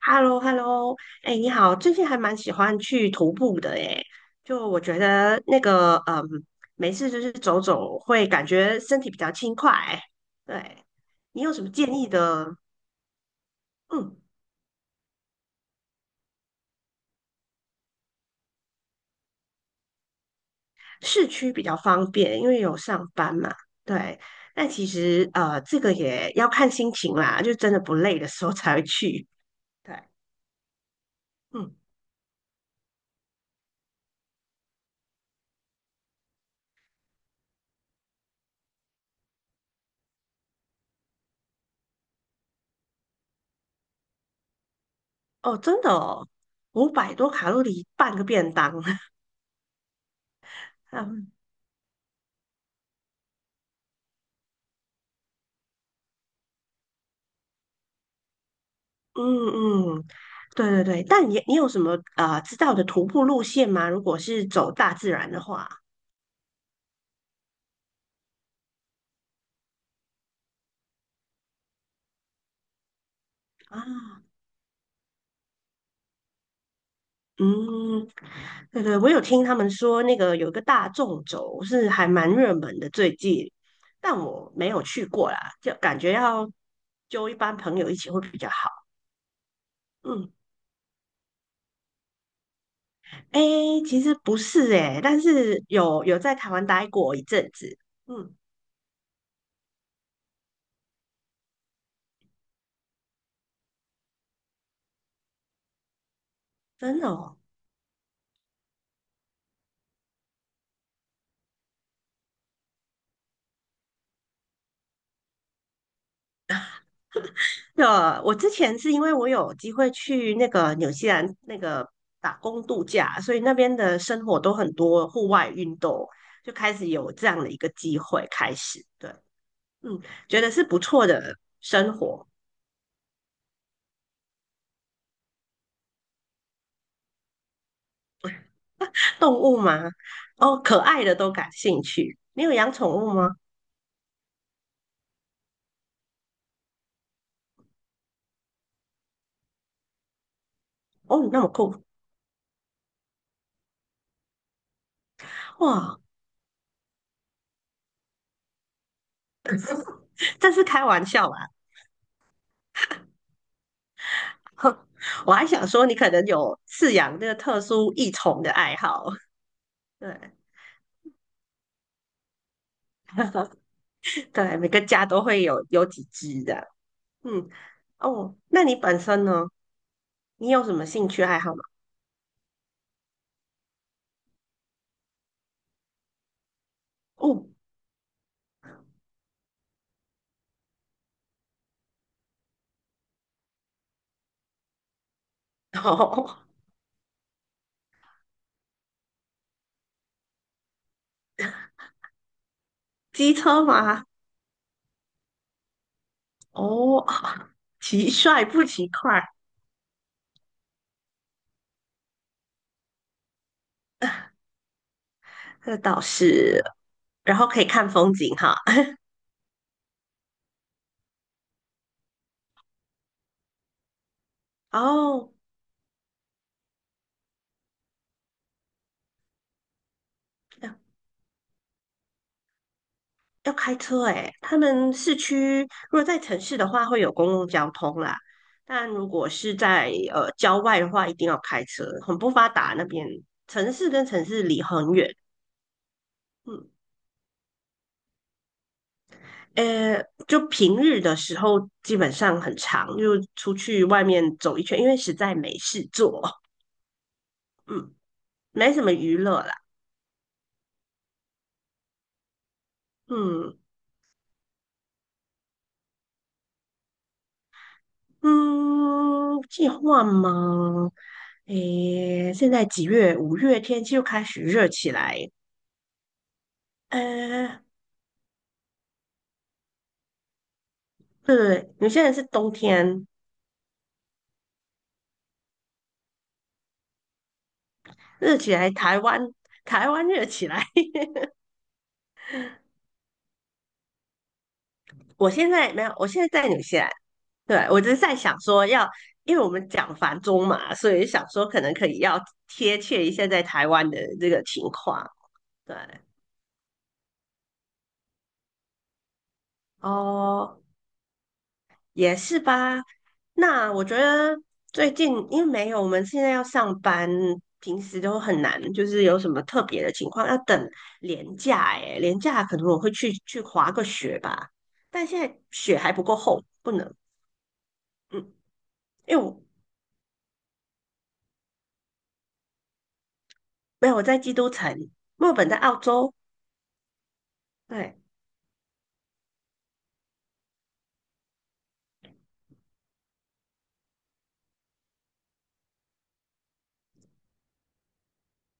h e l l o h e l l o 哎，你好，最近还蛮喜欢去徒步的哎，就我觉得那个，没事就是走走，会感觉身体比较轻快。对，你有什么建议的？嗯，市区比较方便，因为有上班嘛。对，但其实这个也要看心情啦，就真的不累的时候才会去。对，嗯，哦，真的哦，500多卡路里半个便当，嗯嗯，对对对，但你有什么知道的徒步路线吗？如果是走大自然的话啊，嗯，对对，我有听他们说那个有一个大纵走是还蛮热门的最近，但我没有去过啦，就感觉要揪一班朋友一起会比较好。嗯，诶，其实不是诶，但是有在台湾待过一阵子，嗯，真的哦。的，我之前是因为我有机会去那个纽西兰那个打工度假，所以那边的生活都很多户外运动，就开始有这样的一个机会开始。对，嗯，觉得是不错的生活。动物吗？哦，可爱的都感兴趣。你有养宠物吗？哦，你那么酷哇！这是开玩笑啦，哼，我还想说你可能有饲养这个特殊异宠的爱好。对对，每个家都会有几只的。嗯，哦，那你本身呢？你有什么兴趣爱好吗？哦，哦，机车吗？哦，骑帅不骑快，这倒是。然后可以看风景哈。哦，要要开车诶，他们市区如果在城市的话，会有公共交通啦。但如果是在郊外的话，一定要开车，很不发达那边，城市跟城市离很远。嗯就平日的时候基本上很长，就出去外面走一圈，因为实在没事做，嗯，没什么娱乐啦，嗯嗯，计划吗？诶，现在几月？5月天气又开始热起来，呃，对，你现在是冬天，热起来，台湾热起来，我现在没有，我现在在纽西兰。对，我就是在想说要，因为我们讲繁中嘛，所以想说可能可以要贴切一下在台湾的这个情况。对，哦，也是吧。那我觉得最近因为没有，我们现在要上班，平时都很难，就是有什么特别的情况要等年假。诶，年假可能我会去滑个雪吧，但现在雪还不够厚，不能。嗯，因为我没有我在基督城，墨尔本在澳洲。对。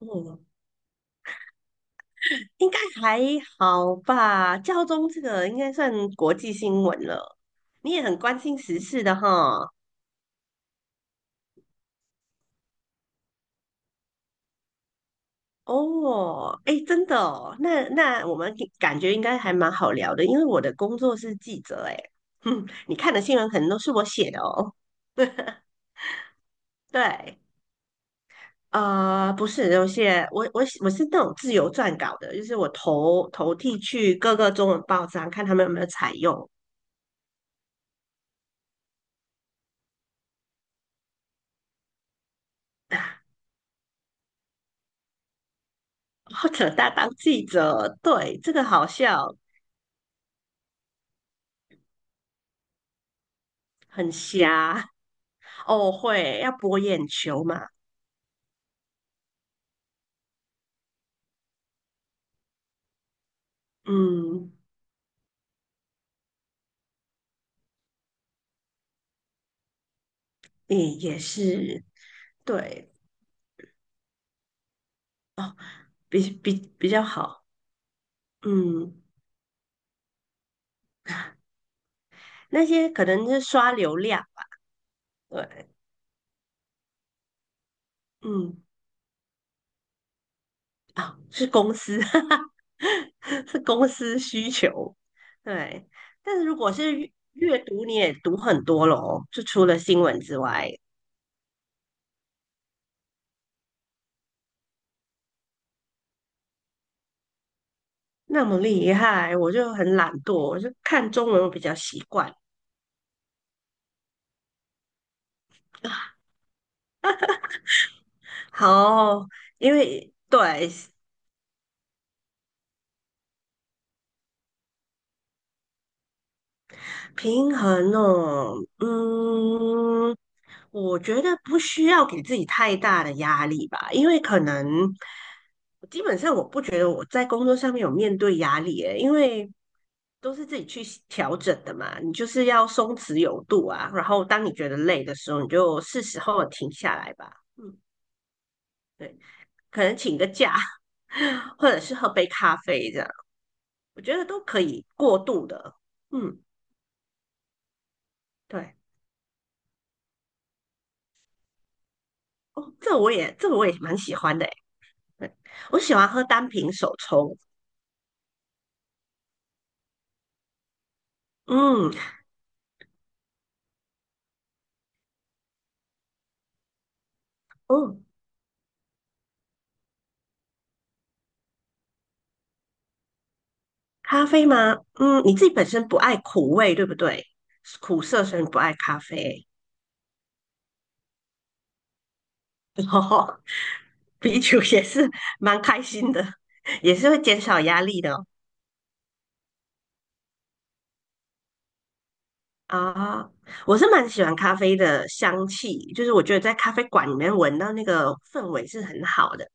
嗯，应该还好吧？教宗这个应该算国际新闻了，你也很关心时事的哈。哦，哎，真的哦，那我们感觉应该还蛮好聊的，因为我的工作是记者，哎，哼，你看的新闻可能都是我写的哦。对，不是，有些我是那种自由撰稿的，就是我投递去各个中文报章，看他们有没有采用，或者他当记者。对，这个好笑，很瞎。哦，会要博眼球嘛，嗯，也是对哦，比较好，嗯，那些可能是刷流量，对，嗯，啊，是公司，哈哈是公司需求，对，但是如果是阅读，你也读很多咯，就除了新闻之外，那么厉害，我就很懒惰，我就看中文我比较习惯。好，因为对平衡哦，嗯，我觉得不需要给自己太大的压力吧，因为可能基本上我不觉得我在工作上面有面对压力诶，因为都是自己去调整的嘛。你就是要松弛有度啊，然后当你觉得累的时候，你就是时候停下来吧。嗯，对，可能请个假，或者是喝杯咖啡这样，我觉得都可以过度的。嗯，对，哦，这我也蛮喜欢的。对我喜欢喝单品手冲。嗯，哦，咖啡吗？嗯，你自己本身不爱苦味，对不对？苦涩，所以你不爱咖啡。然啤酒也是蛮开心的，也是会减少压力的哦啊，我是蛮喜欢咖啡的香气，就是我觉得在咖啡馆里面闻到那个氛围是很好的。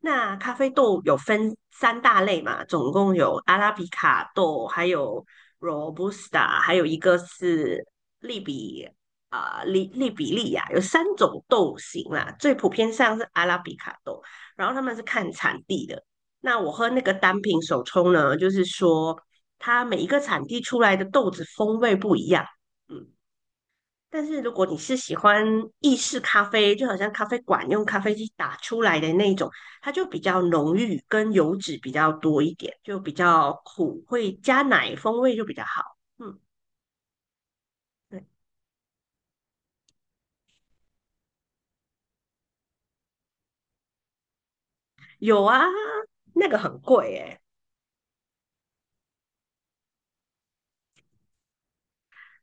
那咖啡豆有分三大类嘛，总共有阿拉比卡豆，还有 Robusta,还有一个是利比利比利亚，有三种豆型啦。最普遍上是阿拉比卡豆，然后他们是看产地的。那我喝那个单品手冲呢，就是说它每一个产地出来的豆子风味不一样。嗯，但是如果你是喜欢意式咖啡，就好像咖啡馆用咖啡机打出来的那一种，它就比较浓郁，跟油脂比较多一点，就比较苦，会加奶，风味就比较好。嗯，对，有啊，那个很贵诶。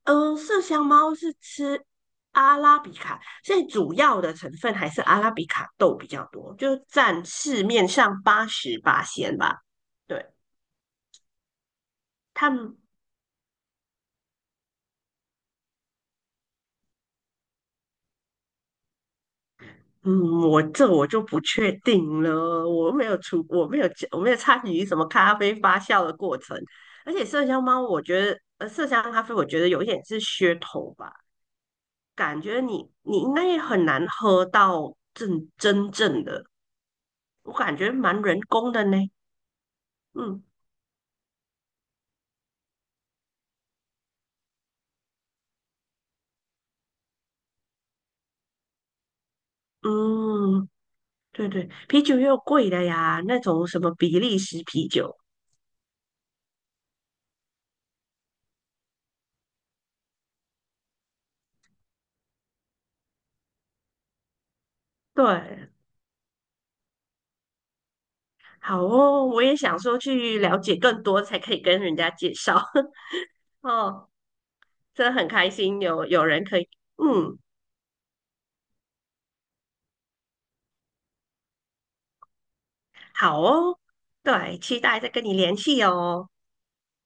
嗯，麝香猫是吃阿拉比卡，所以主要的成分还是阿拉比卡豆比较多，就占市面上88仙吧。对，他们嗯，我就不确定了，我没有出，我没有加，我没有参与什么咖啡发酵的过程，而且麝香猫，我觉得，麝香咖啡，我觉得有一点是噱头吧，感觉你应该也很难喝到真正的，我感觉蛮人工的呢，嗯嗯，对对，啤酒又贵的呀，那种什么比利时啤酒，对，好哦，我也想说去了解更多，才可以跟人家介绍，哦。真的很开心有人可以，嗯，好哦，对，期待再跟你联系哦。